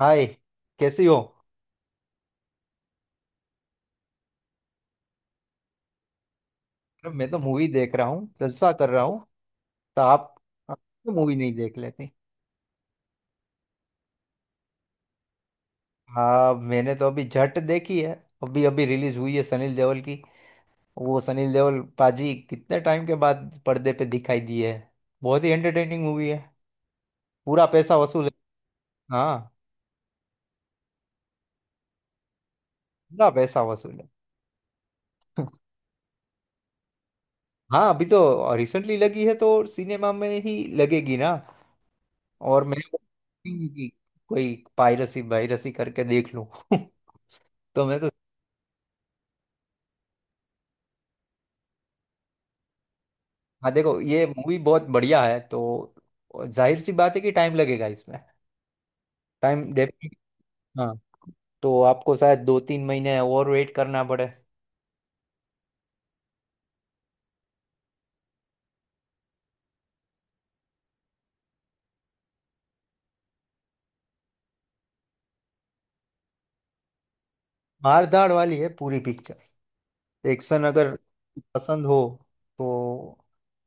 हाय। कैसी हो? अरे, मैं तो मूवी देख रहा हूँ, जलसा कर रहा हूँ। तो आप तो मूवी नहीं देख लेती? हाँ, मैंने तो अभी जट देखी है। अभी अभी रिलीज हुई है, सनील देओल की। वो सनील देओल पाजी कितने टाइम के बाद पर्दे पे दिखाई दी है। बहुत ही एंटरटेनिंग मूवी है। पूरा पैसा वसूल है। हाँ, पूरा पैसा वसूल है। हाँ, अभी तो रिसेंटली लगी है तो सिनेमा में ही लगेगी ना। और मैं कोई पायरसी वायरसी करके देख लूं। तो मैं तो हाँ, देखो, ये मूवी बहुत बढ़िया है, तो जाहिर सी बात है कि टाइम लगेगा इसमें। Time definite. हाँ, तो आपको शायद 2 3 महीने और वेट करना पड़े। मार धाड़ वाली है पूरी पिक्चर। एक्शन अगर पसंद हो तो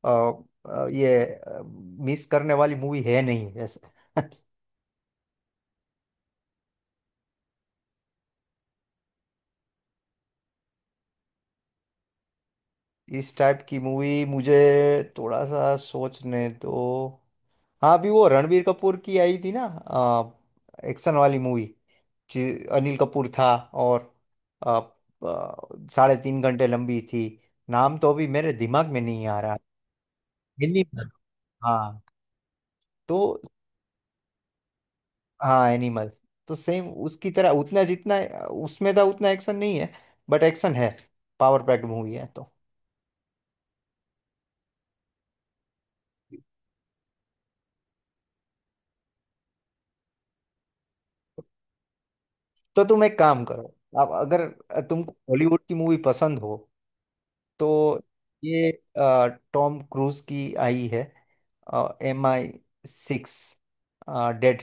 अ, ये मिस करने वाली मूवी है नहीं वैसे। इस टाइप की मूवी मुझे थोड़ा सा सोचने तो। हाँ, अभी वो रणबीर कपूर की आई थी ना, एक्शन वाली मूवी। अनिल कपूर था और अ, अ, 3.5 घंटे लंबी थी। नाम तो अभी मेरे दिमाग में नहीं आ रहा। एनिमल। हाँ। तो हाँ, एनिमल तो सेम उसकी तरह, उतना जितना उसमें था उतना एक्शन नहीं है, बट एक्शन है। पावर पैक्ड मूवी है। तो तुम एक काम करो। अब अगर तुमको हॉलीवुड की मूवी पसंद हो तो ये अ, टॉम क्रूज की आई है, MI6 डेड।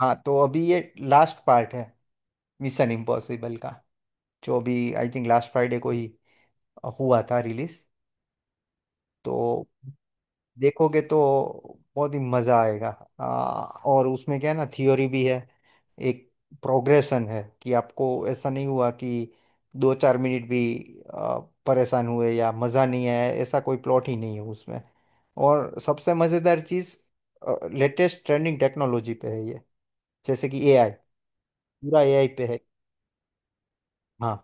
हाँ, तो अभी ये लास्ट पार्ट है मिशन इम्पॉसिबल का, जो अभी आई थिंक लास्ट फ्राइडे को ही हुआ था रिलीज। तो देखोगे तो बहुत ही मज़ा आएगा। आ, और उसमें क्या है ना, थियोरी भी है, एक प्रोग्रेशन है कि आपको ऐसा नहीं हुआ कि 2 4 मिनट भी आ, परेशान हुए या मज़ा नहीं आया। ऐसा कोई प्लॉट ही नहीं है उसमें। और सबसे मज़ेदार चीज़, लेटेस्ट ट्रेंडिंग टेक्नोलॉजी पे है ये, जैसे कि एआई। पूरा एआई पे है। हाँ।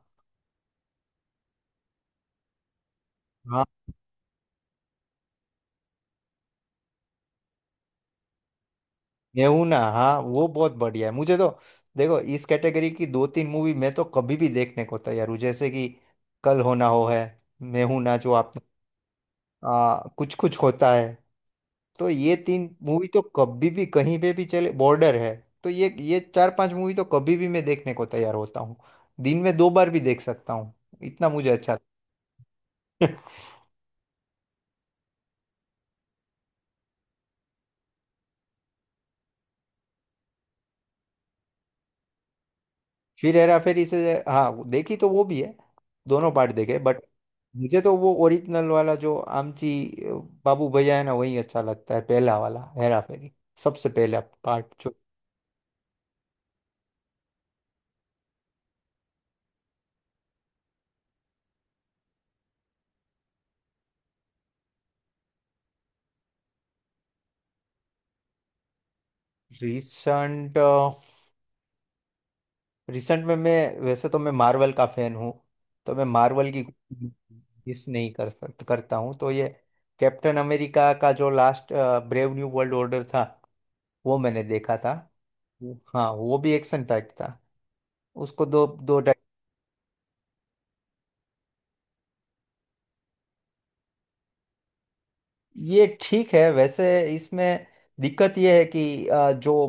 गेहूं ना, हाँ, वो बहुत बढ़िया है। मुझे तो देखो, इस कैटेगरी की दो तीन मूवी मैं तो कभी भी देखने को तैयार हूँ। जैसे कि कल होना हो है, मैं हूं ना, जो आप, कुछ कुछ होता है। तो ये तीन मूवी तो कभी भी कहीं पे भी चले, बॉर्डर है। तो ये चार पांच मूवी तो कभी भी मैं देखने को तैयार होता हूँ। दिन में 2 बार भी देख सकता हूँ। इतना मुझे अच्छा। फिर हेरा फेरी, से हाँ, वो देखी तो वो भी है। दोनों पार्ट देखे, बट मुझे तो वो ओरिजिनल वाला जो आमची, अ, बाबू भैया है ना, वही अच्छा लगता है, पहला वाला हेरा फेरी, सबसे पहला पार्ट जो। रिसेंट रिसेंट में मैं, वैसे तो मैं मार्वल का फैन हूँ, तो मैं मार्वल की मिस नहीं कर सक करता हूँ। तो ये कैप्टन अमेरिका का जो लास्ट, ब्रेव न्यू वर्ल्ड ऑर्डर था, वो मैंने देखा था। हाँ, वो भी एक्शन पैक्ड था। उसको दो दो। ये ठीक है वैसे। इसमें दिक्कत ये है कि जो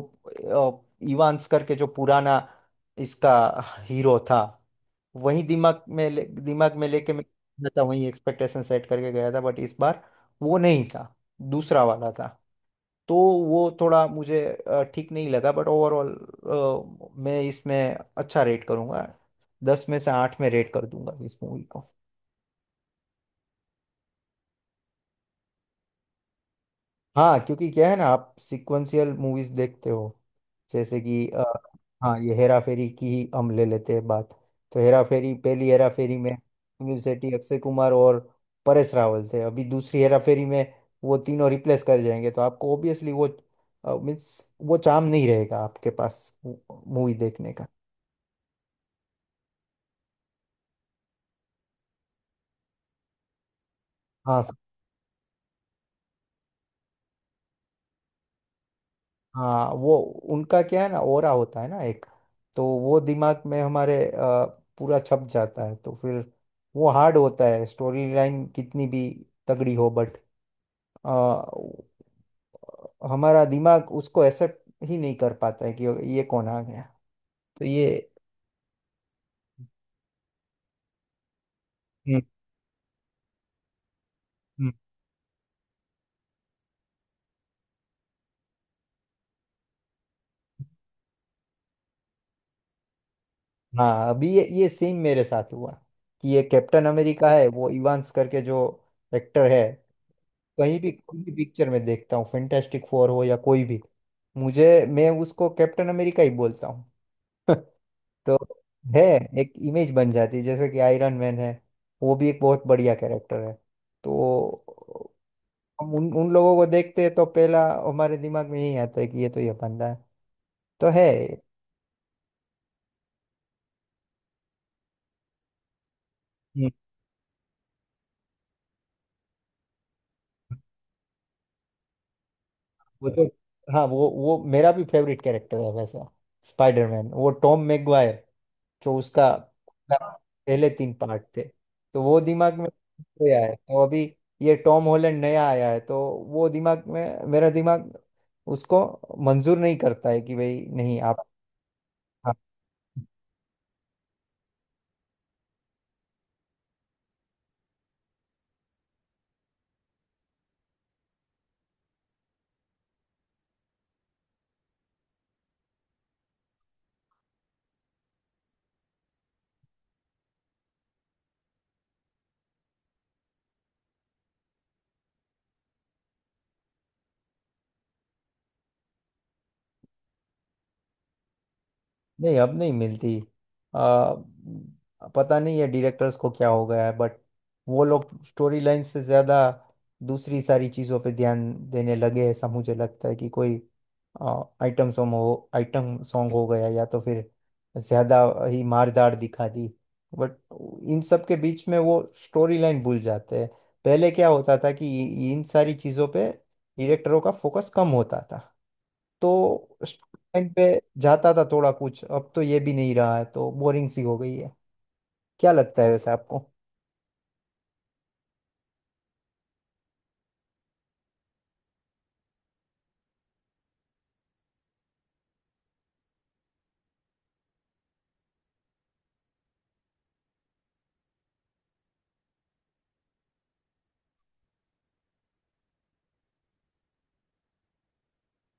इवांस करके जो पुराना इसका हीरो था, वही दिमाग में लेके मैं गया था, वही एक्सपेक्टेशन सेट करके गया था, बट इस बार वो नहीं था, दूसरा वाला था। तो वो थोड़ा मुझे ठीक नहीं लगा, बट ओवरऑल मैं इसमें अच्छा रेट करूंगा। 10 में से 8 में रेट कर दूंगा इस मूवी को। हाँ, क्योंकि क्या है ना, आप सिक्वेंशियल मूवीज देखते हो, जैसे कि हाँ, ये हेरा फेरी की ही हम ले लेते हैं बात। तो हेरा फेरी, पहली हेरा फेरी में सुनील शेट्टी, अक्षय कुमार और परेश रावल थे। अभी दूसरी हेरा फेरी में वो तीनों रिप्लेस कर जाएंगे, तो आपको ऑब्वियसली वो मीन्स वो चार्म नहीं रहेगा आपके पास मूवी देखने का। हाँ, हाँ, वो उनका क्या है ना, ओरा होता है ना एक, तो वो दिमाग में हमारे पूरा छप जाता है। तो फिर वो हार्ड होता है, स्टोरी लाइन कितनी भी तगड़ी हो बट हमारा दिमाग उसको एक्सेप्ट ही नहीं कर पाता है कि ये कौन आ गया। तो ये। हम्म। हम्म। हाँ, अभी ये सेम मेरे साथ हुआ कि ये कैप्टन अमेरिका है। वो इवांस करके जो एक्टर है, कहीं भी कोई भी पिक्चर में देखता हूँ, फैंटास्टिक फोर हो या कोई भी, मुझे मैं उसको कैप्टन अमेरिका ही बोलता हूँ। तो है, एक इमेज बन जाती है। जैसे कि आयरन मैन है, वो भी एक बहुत बढ़िया कैरेक्टर है। तो हम उन उन लोगों को देखते हैं तो पहला हमारे दिमाग में यही आता है कि ये तो ये बंदा है। तो है। हम्म। वो जो, हाँ, वो मेरा भी फेवरेट कैरेक्टर है वैसा। स्पाइडरमैन, वो टॉम मैगवायर जो उसका पहले तीन पार्ट थे, तो वो दिमाग में गया है, तो अभी ये टॉम हॉलैंड नया आया है, तो वो दिमाग में मेरा दिमाग उसको मंजूर नहीं करता है कि भाई नहीं, आप। हाँ, नहीं अब नहीं मिलती। आ, पता नहीं है डायरेक्टर्स को क्या हो गया है, बट वो लोग स्टोरी लाइन से ज़्यादा दूसरी सारी चीज़ों पे ध्यान देने लगे। ऐसा मुझे लगता है कि कोई आइटम सॉन्ग हो, आइटम सॉन्ग हो गया, या तो फिर ज़्यादा ही मारदार दिखा दी, बट इन सब के बीच में वो स्टोरी लाइन भूल जाते हैं। पहले क्या होता था, कि इन सारी चीज़ों पे डायरेक्टरों का फोकस कम होता था, तो टाइम पे जाता था थोड़ा कुछ। अब तो ये भी नहीं रहा है, तो बोरिंग सी हो गई है। क्या लगता है वैसे आपको?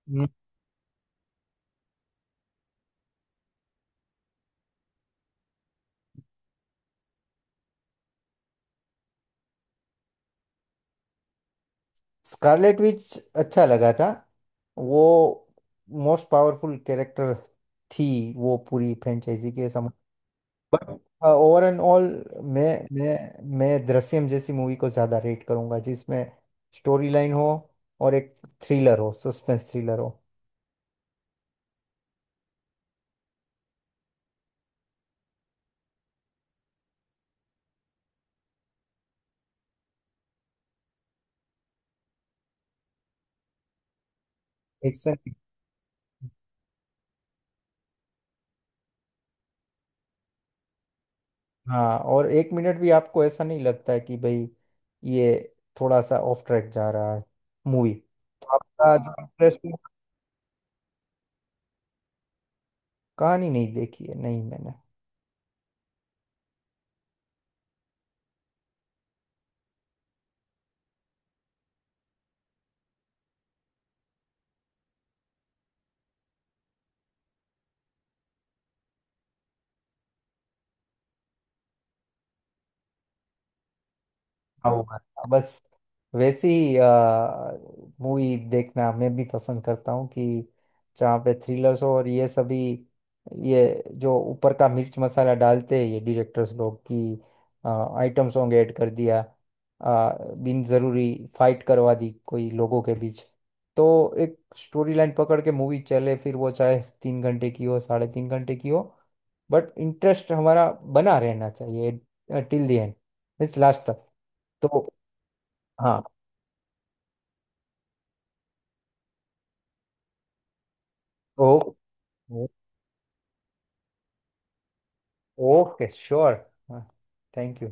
हम्म। स्कारलेट विच अच्छा लगा था। वो मोस्ट पावरफुल कैरेक्टर थी, वो पूरी फ्रेंचाइजी के समझ, बट हाँ, ओवर एंड ऑल, मैं मैं दृश्यम जैसी मूवी को ज़्यादा रेट करूंगा जिसमें स्टोरी लाइन हो और एक थ्रिलर हो, सस्पेंस थ्रिलर हो। एक्शन, हाँ, और एक मिनट भी आपको ऐसा नहीं लगता है कि भाई, ये थोड़ा सा ऑफ ट्रैक जा रहा है मूवी, तो आपका जो हाँ इंटरेस्ट। कहानी नहीं देखी है, नहीं मैंने। हाँ, वो है। बस वैसी ही मूवी देखना मैं भी पसंद करता हूँ कि जहाँ पे थ्रिलर्स हो, और ये सभी, ये जो ऊपर का मिर्च मसाला डालते हैं ये डायरेक्टर्स लोग, की आइटम सॉन्ग ऐड कर दिया, आ, बिन जरूरी फाइट करवा दी कोई लोगों के बीच, तो एक स्टोरी लाइन पकड़ के मूवी चले, फिर वो चाहे 3 घंटे की हो, 3.5 घंटे की हो, बट इंटरेस्ट हमारा बना रहना चाहिए till the end, it's last तक। तो हाँ। ओ। ओके। श्योर। हाँ, थैंक यू।